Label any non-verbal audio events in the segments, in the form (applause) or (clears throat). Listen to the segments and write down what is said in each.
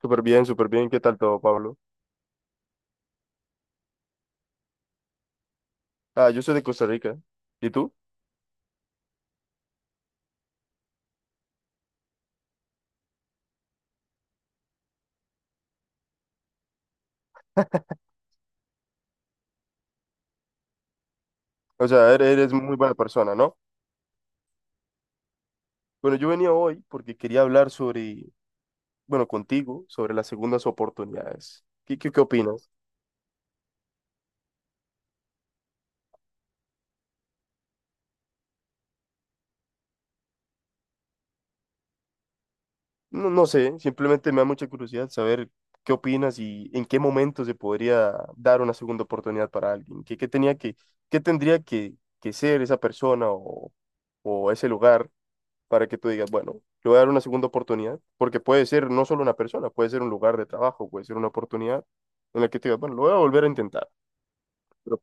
Súper bien, súper bien. ¿Qué tal todo, Pablo? Ah, yo soy de Costa Rica. ¿Y tú? O sea, eres muy buena persona, ¿no? Bueno, yo venía hoy porque quería hablar sobre, bueno, contigo, sobre las segundas oportunidades. ¿Qué opinas? No, no sé, simplemente me da mucha curiosidad saber qué opinas y en qué momento se podría dar una segunda oportunidad para alguien. ¿ qué tendría que ser esa persona o ese lugar para que tú digas, bueno, le voy a dar una segunda oportunidad, porque puede ser no solo una persona, puede ser un lugar de trabajo, puede ser una oportunidad en la que te digas, bueno, lo voy a volver a intentar. Pero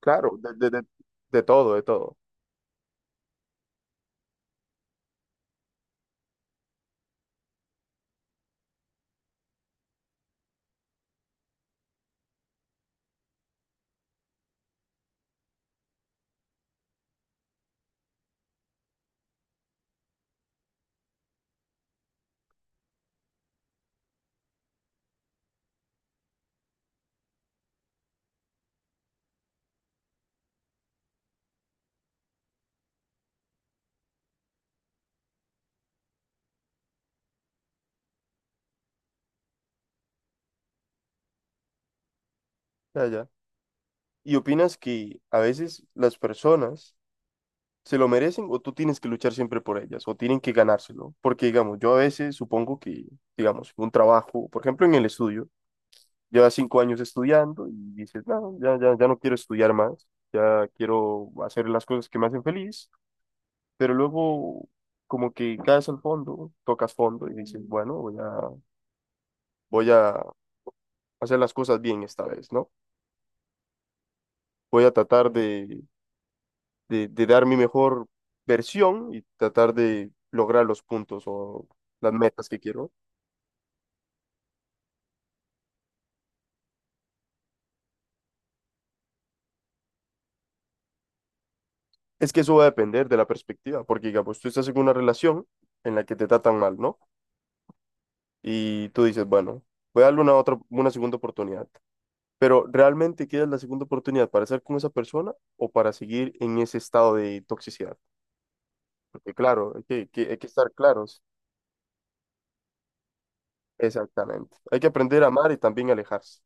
claro, de todo, de todo. Ya, ya. ¿Y opinas que a veces las personas se lo merecen o tú tienes que luchar siempre por ellas o tienen que ganárselo? Porque, digamos, yo a veces supongo que, digamos, un trabajo, por ejemplo, en el estudio, llevas 5 años estudiando y dices, no, ya no quiero estudiar más, ya quiero hacer las cosas que me hacen feliz pero luego como que caes al fondo, tocas fondo y dices, bueno, voy a hacer las cosas bien esta vez, ¿no? Voy a tratar de dar mi mejor versión y tratar de lograr los puntos o las metas que quiero. Es que eso va a depender de la perspectiva, porque digamos, tú estás en una relación en la que te tratan mal, ¿no? Y tú dices, bueno, voy a darle una segunda oportunidad. Pero ¿realmente quieres la segunda oportunidad para estar con esa persona o para seguir en ese estado de toxicidad? Porque claro, hay que estar claros. Exactamente. Hay que aprender a amar y también alejarse.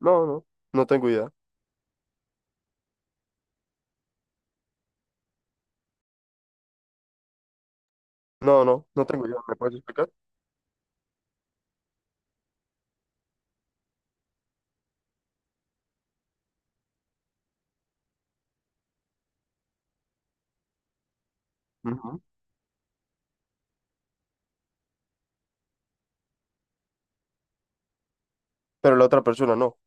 No, no, no tengo idea. No, no, no tengo idea. ¿Me puedes explicar? Ujú. Pero la otra persona no.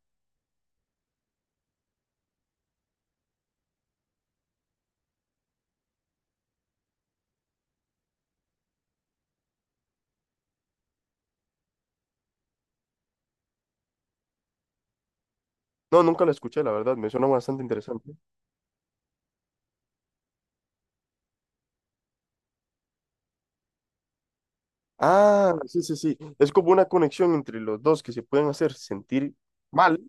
No, nunca la escuché, la verdad. Me suena bastante interesante. Ah, sí, sí, sí. Es como una conexión entre los dos que se pueden hacer sentir mal,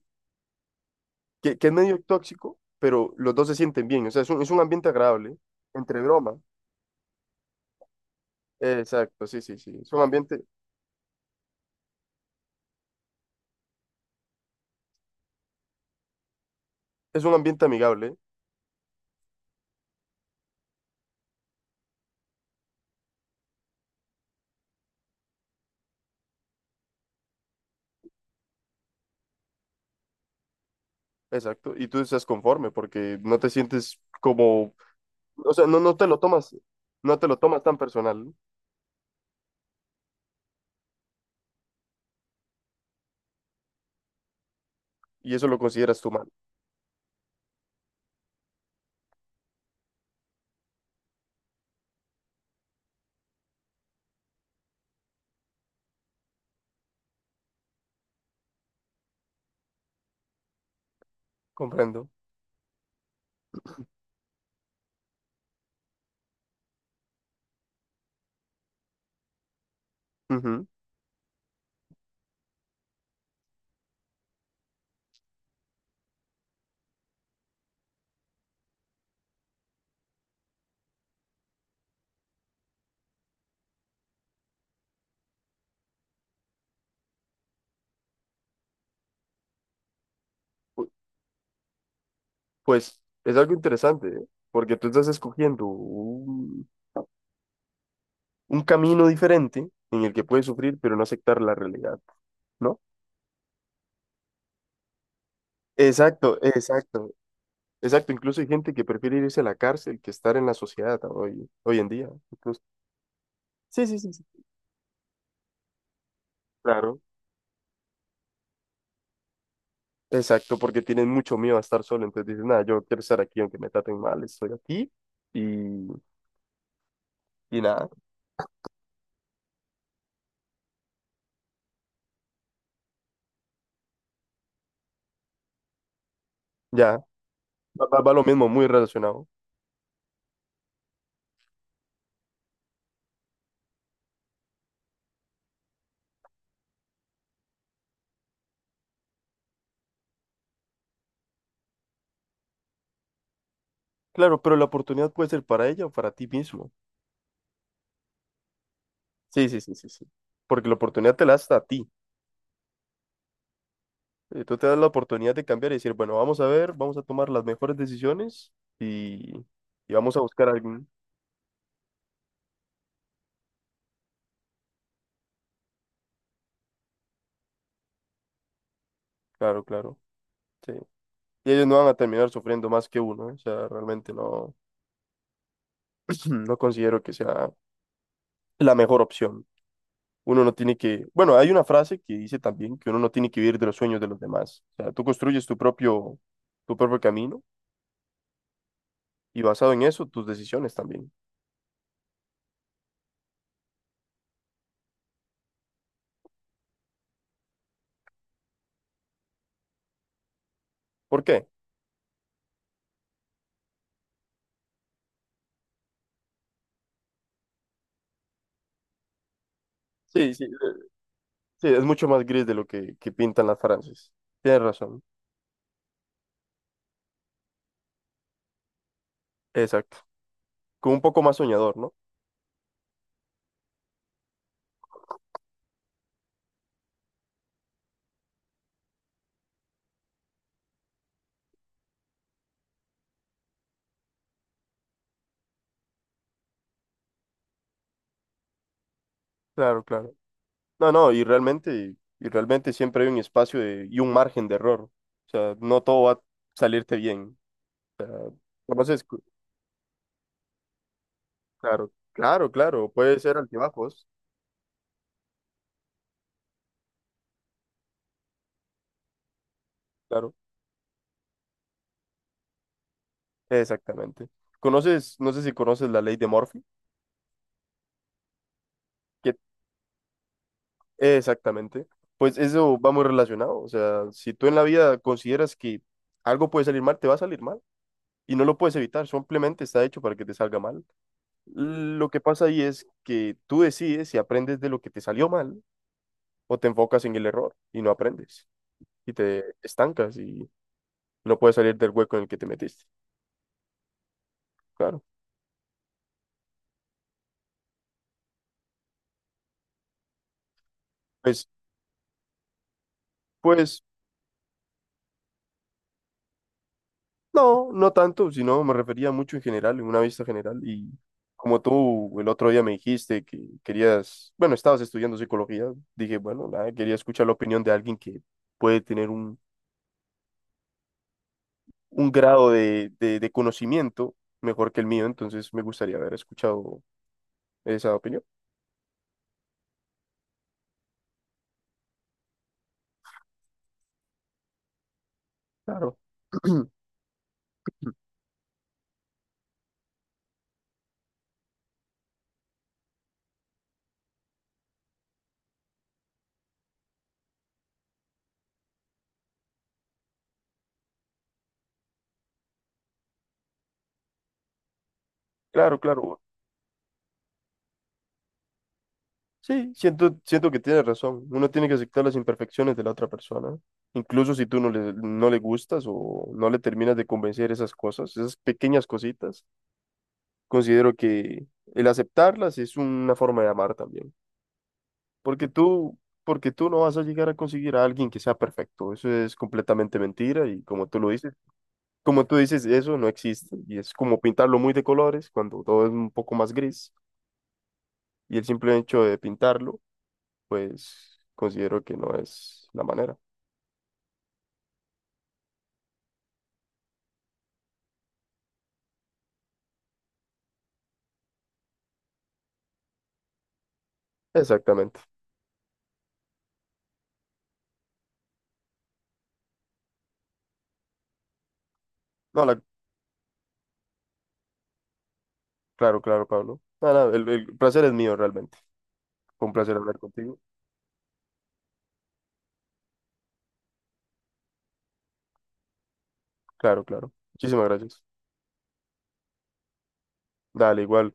que es medio tóxico, pero los dos se sienten bien. O sea, es un ambiente agradable, entre broma. Exacto, sí, sí, sí. Es un ambiente amigable. Exacto, y tú estás conforme porque no te sientes como, o sea, no, no te lo tomas tan personal, ¿no? Y eso lo consideras tu mal. Comprendo. Ujú. Pu- Pues es algo interesante, ¿eh? Porque tú estás escogiendo un, camino diferente en el que puedes sufrir pero no aceptar la realidad, ¿no? Exacto, exacto, exacto. Incluso hay gente que prefiere irse a la cárcel que estar en la sociedad hoy en día. Incluso. Sí, sí, sí, sí. Claro. Exacto, porque tienen mucho miedo a estar solo, entonces dicen, nada, yo quiero estar aquí aunque me traten mal, estoy aquí y, y nada, ya, va lo mismo, muy relacionado. Claro, pero la oportunidad puede ser para ella o para ti mismo. Sí, sí, sí, sí, sí, porque la oportunidad te la das a ti. Tú te das la oportunidad de cambiar y decir, bueno, vamos a ver, vamos a tomar las mejores decisiones y, y vamos a buscar algún. Claro, claro, sí. Y ellos no van a terminar sufriendo más que uno, ¿eh? O sea, realmente no, (clears throat) no considero que sea la mejor opción. Uno no tiene que, bueno, hay una frase que dice también que uno no tiene que vivir de los sueños de los demás. O sea, tú construyes tu propio camino y basado en eso, tus decisiones también. ¿Por qué? Sí, sí, sí, es mucho más gris de lo que pintan las frases. Tienes razón. Exacto. Con un poco más soñador, ¿no? Claro, claro. No, no, y realmente, siempre hay un espacio y un margen de error. O sea, no todo va a salirte bien. Entonces, claro, claro, claro, puede ser altibajos. Claro. Exactamente. ¿ no sé si conoces la ley de Murphy? Que, exactamente. Pues eso va muy relacionado. O sea, si tú en la vida consideras que algo puede salir mal, te va a salir mal. Y no lo puedes evitar, simplemente está hecho para que te salga mal. Lo que pasa ahí es que tú decides si aprendes de lo que te salió mal o te enfocas en el error y no aprendes. Y te estancas y no puedes salir del hueco en el que te metiste. Claro. Pues, pues No, no tanto, sino me refería mucho en general, en una vista general. Y como tú el otro día me dijiste que querías, bueno, estabas estudiando psicología, dije, bueno, nada, quería escuchar la opinión de alguien que puede tener un, grado de conocimiento mejor que el mío, entonces me gustaría haber escuchado esa opinión. Claro. (clears throat) Claro, claro. Sí, siento que tienes razón. Uno tiene que aceptar las imperfecciones de la otra persona. Incluso si tú no le gustas o no le terminas de convencer esas cosas, esas pequeñas cositas, considero que el aceptarlas es una forma de amar también. Porque tú, porque tú no vas a llegar a conseguir a alguien que sea perfecto. Eso es completamente mentira y como tú dices, eso no existe. Y es como pintarlo muy de colores cuando todo es un poco más gris. Y el simple hecho de pintarlo pues considero que no es la manera. Exactamente. No, claro, claro, Pablo. Nada, el placer es mío realmente. Fue un placer hablar contigo. Claro, claro. Muchísimas gracias. Dale, igual.